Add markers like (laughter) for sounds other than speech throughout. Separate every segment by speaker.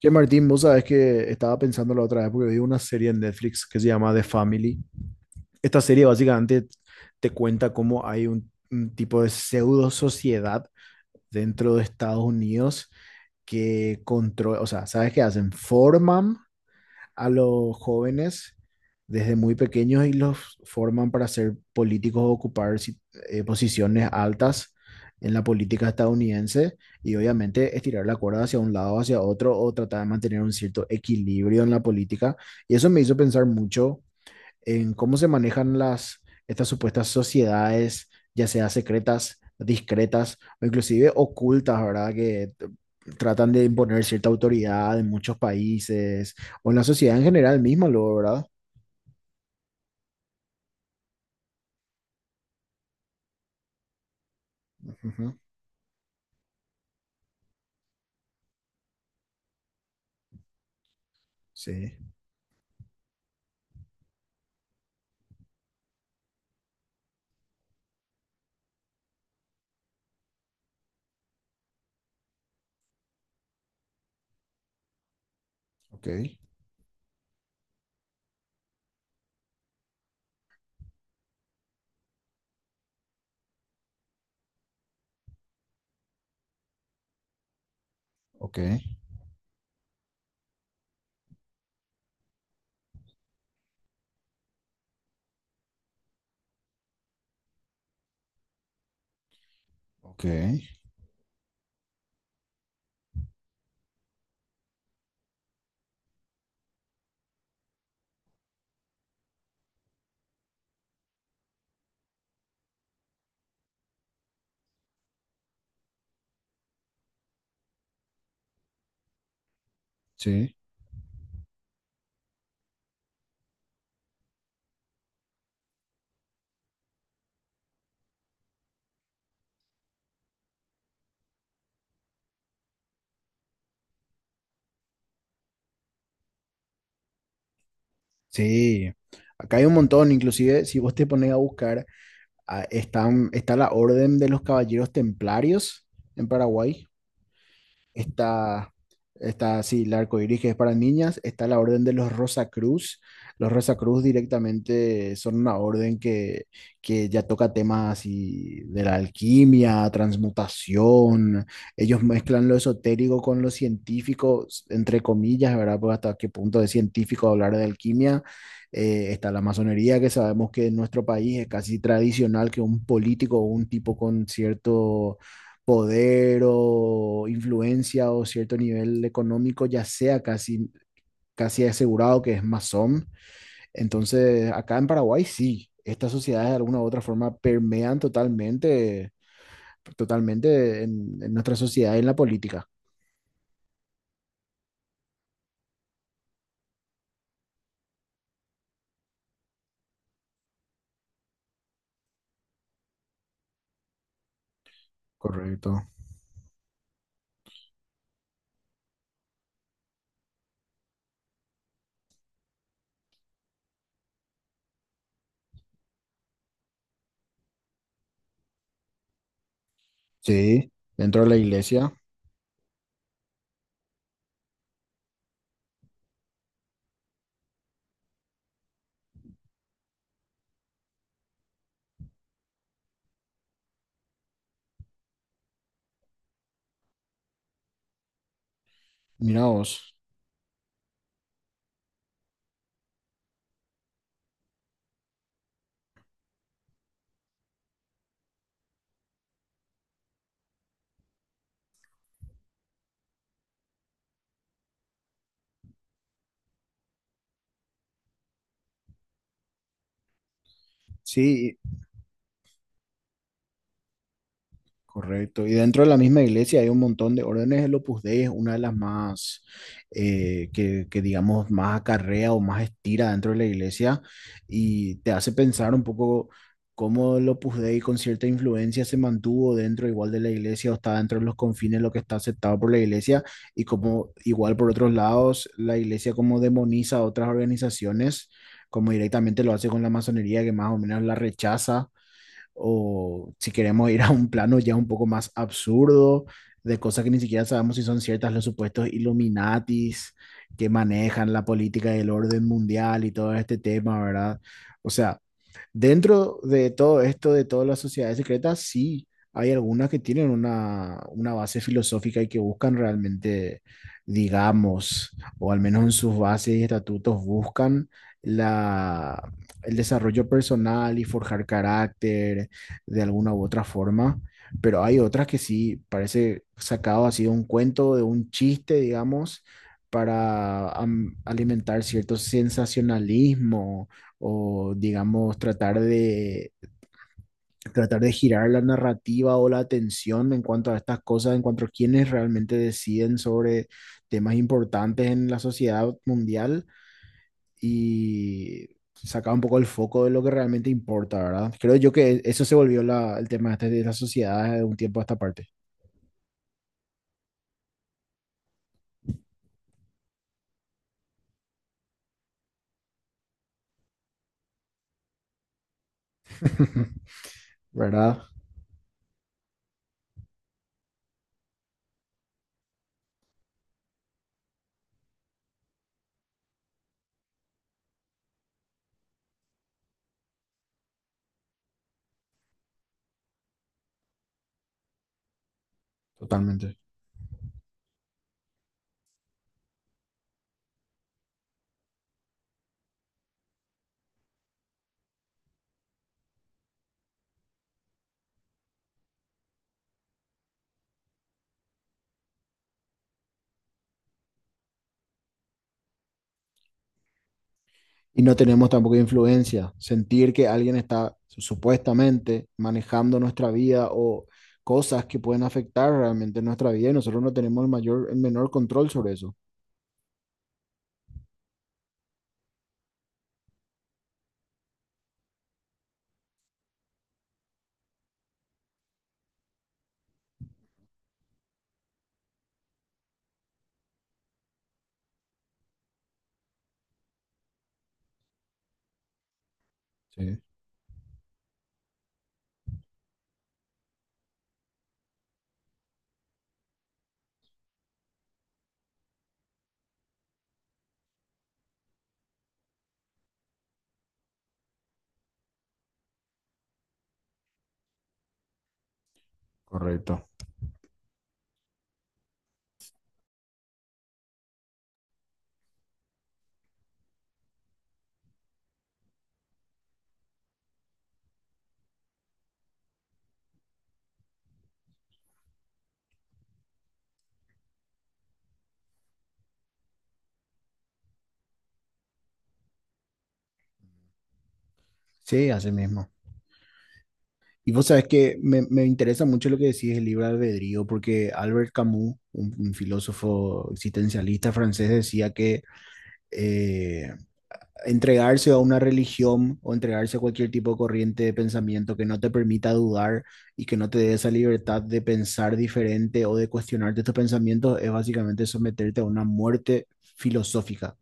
Speaker 1: Che, Martín, vos sabés que estaba pensando la otra vez porque vi una serie en Netflix que se llama The Family. Esta serie básicamente te cuenta cómo hay un tipo de pseudo sociedad dentro de Estados Unidos que controla, o sea, ¿sabes qué hacen? Forman a los jóvenes desde muy pequeños y los forman para ser políticos o ocupar posiciones altas en la política estadounidense y obviamente estirar la cuerda hacia un lado, hacia otro o tratar de mantener un cierto equilibrio en la política. Y eso me hizo pensar mucho en cómo se manejan estas supuestas sociedades, ya sea secretas, discretas o inclusive ocultas, ¿verdad? Que tratan de imponer cierta autoridad en muchos países o en la sociedad en general misma, luego, ¿verdad? Ujú. Sí. Ok, ok, ok, sí, sí. Acá hay un montón, inclusive si vos te pones a buscar, ah, están, está la Orden de los Caballeros Templarios en Paraguay. Está, está, sí, el arco iris que es para niñas. Está la orden de los Rosacruz. Los Rosacruz directamente son una orden que ya toca temas así de la alquimia, transmutación. Ellos mezclan lo esotérico con lo científico, entre comillas, ¿verdad? Pues hasta qué punto es científico hablar de alquimia. Está la masonería, que sabemos que en nuestro país es casi tradicional que un político o un tipo con cierto poder o influencia o cierto nivel económico ya sea casi, casi asegurado que es masón. Entonces, acá en Paraguay sí, estas sociedades de alguna u otra forma permean totalmente, totalmente en nuestra sociedad y en la política. Correcto. Sí, dentro de la iglesia, mira vos. Sí. Correcto. Y dentro de la misma iglesia hay un montón de órdenes. El Opus Dei es una de las más, que digamos, más acarrea o más estira dentro de la iglesia y te hace pensar un poco cómo el Opus Dei con cierta influencia se mantuvo dentro igual de la iglesia o está dentro de los confines de lo que está aceptado por la iglesia y como igual por otros lados la iglesia como demoniza a otras organizaciones, como directamente lo hace con la masonería que más o menos la rechaza o si queremos ir a un plano ya un poco más absurdo, de cosas que ni siquiera sabemos si son ciertas, los supuestos Illuminatis que manejan la política y el orden mundial y todo este tema, ¿verdad? O sea, dentro de todo esto, de todas las sociedades secretas, sí, hay algunas que tienen una base filosófica y que buscan realmente, digamos, o al menos en sus bases y estatutos, buscan la el desarrollo personal y forjar carácter de alguna u otra forma, pero hay otras que sí parece sacado así de un cuento, de un chiste, digamos, para alimentar cierto sensacionalismo o, digamos, tratar de girar la narrativa o la atención en cuanto a estas cosas, en cuanto a quienes realmente deciden sobre temas importantes en la sociedad mundial y sacaba un poco el foco de lo que realmente importa, ¿verdad? Creo yo que eso se volvió el tema este de la sociedad de un tiempo a esta parte. (laughs) ¿Verdad? Totalmente. Y no tenemos tampoco influencia. Sentir que alguien está supuestamente manejando nuestra vida o cosas que pueden afectar realmente nuestra vida y nosotros no tenemos el mayor, el menor control sobre eso. Sí, correcto. Sí, así mismo. Y vos sabés que me interesa mucho lo que decís del libre albedrío, porque Albert Camus, un filósofo existencialista francés, decía que eh, entregarse a una religión o entregarse a cualquier tipo de corriente de pensamiento que no te permita dudar y que no te dé esa libertad de pensar diferente o de cuestionarte estos pensamientos es básicamente someterte a una muerte filosófica.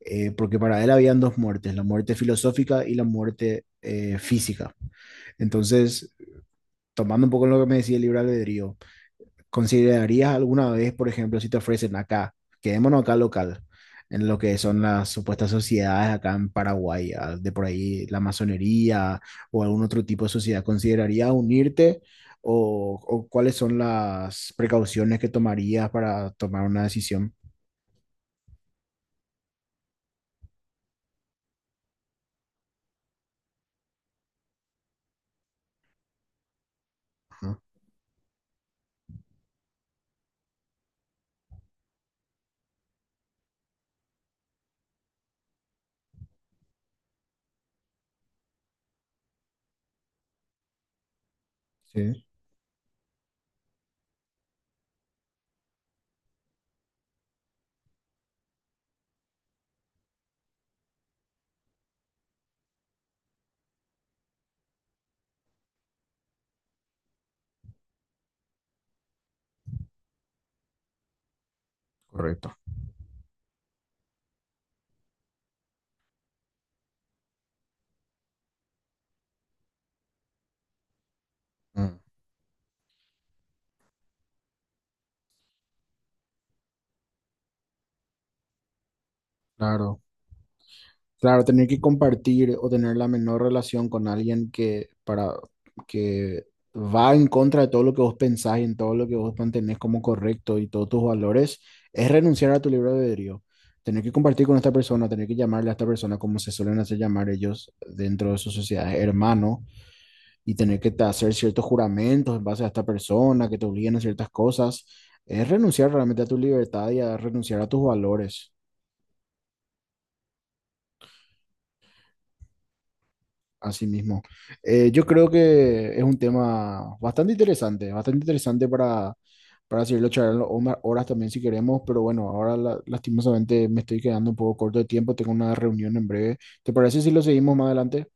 Speaker 1: Porque para él habían dos muertes, la muerte filosófica y la muerte física. Entonces, tomando un poco lo que me decía el libre albedrío, ¿considerarías alguna vez, por ejemplo, si te ofrecen acá, quedémonos acá local, en lo que son las supuestas sociedades acá en Paraguay, ah, de por ahí la masonería o algún otro tipo de sociedad? ¿Considerarías unirte o cuáles son las precauciones que tomarías para tomar una decisión? Ajá. Sí, correcto. Ah. Claro. Claro, tener que compartir o tener la menor relación con alguien que, para, que va en contra de todo lo que vos pensás y en todo lo que vos mantenés como correcto y todos tus valores, es renunciar a tu libre albedrío. Tener que compartir con esta persona, tener que llamarle a esta persona como se suelen hacer llamar ellos dentro de sus sociedades, hermano, y tener que hacer ciertos juramentos en base a esta persona, que te obliguen a ciertas cosas, es renunciar realmente a tu libertad y a renunciar a tus valores. Así mismo. Yo creo que es un tema bastante interesante para seguirlo charlando o más horas también si queremos, pero bueno, ahora lastimosamente me estoy quedando un poco corto de tiempo, tengo una reunión en breve. ¿Te parece si lo seguimos más adelante?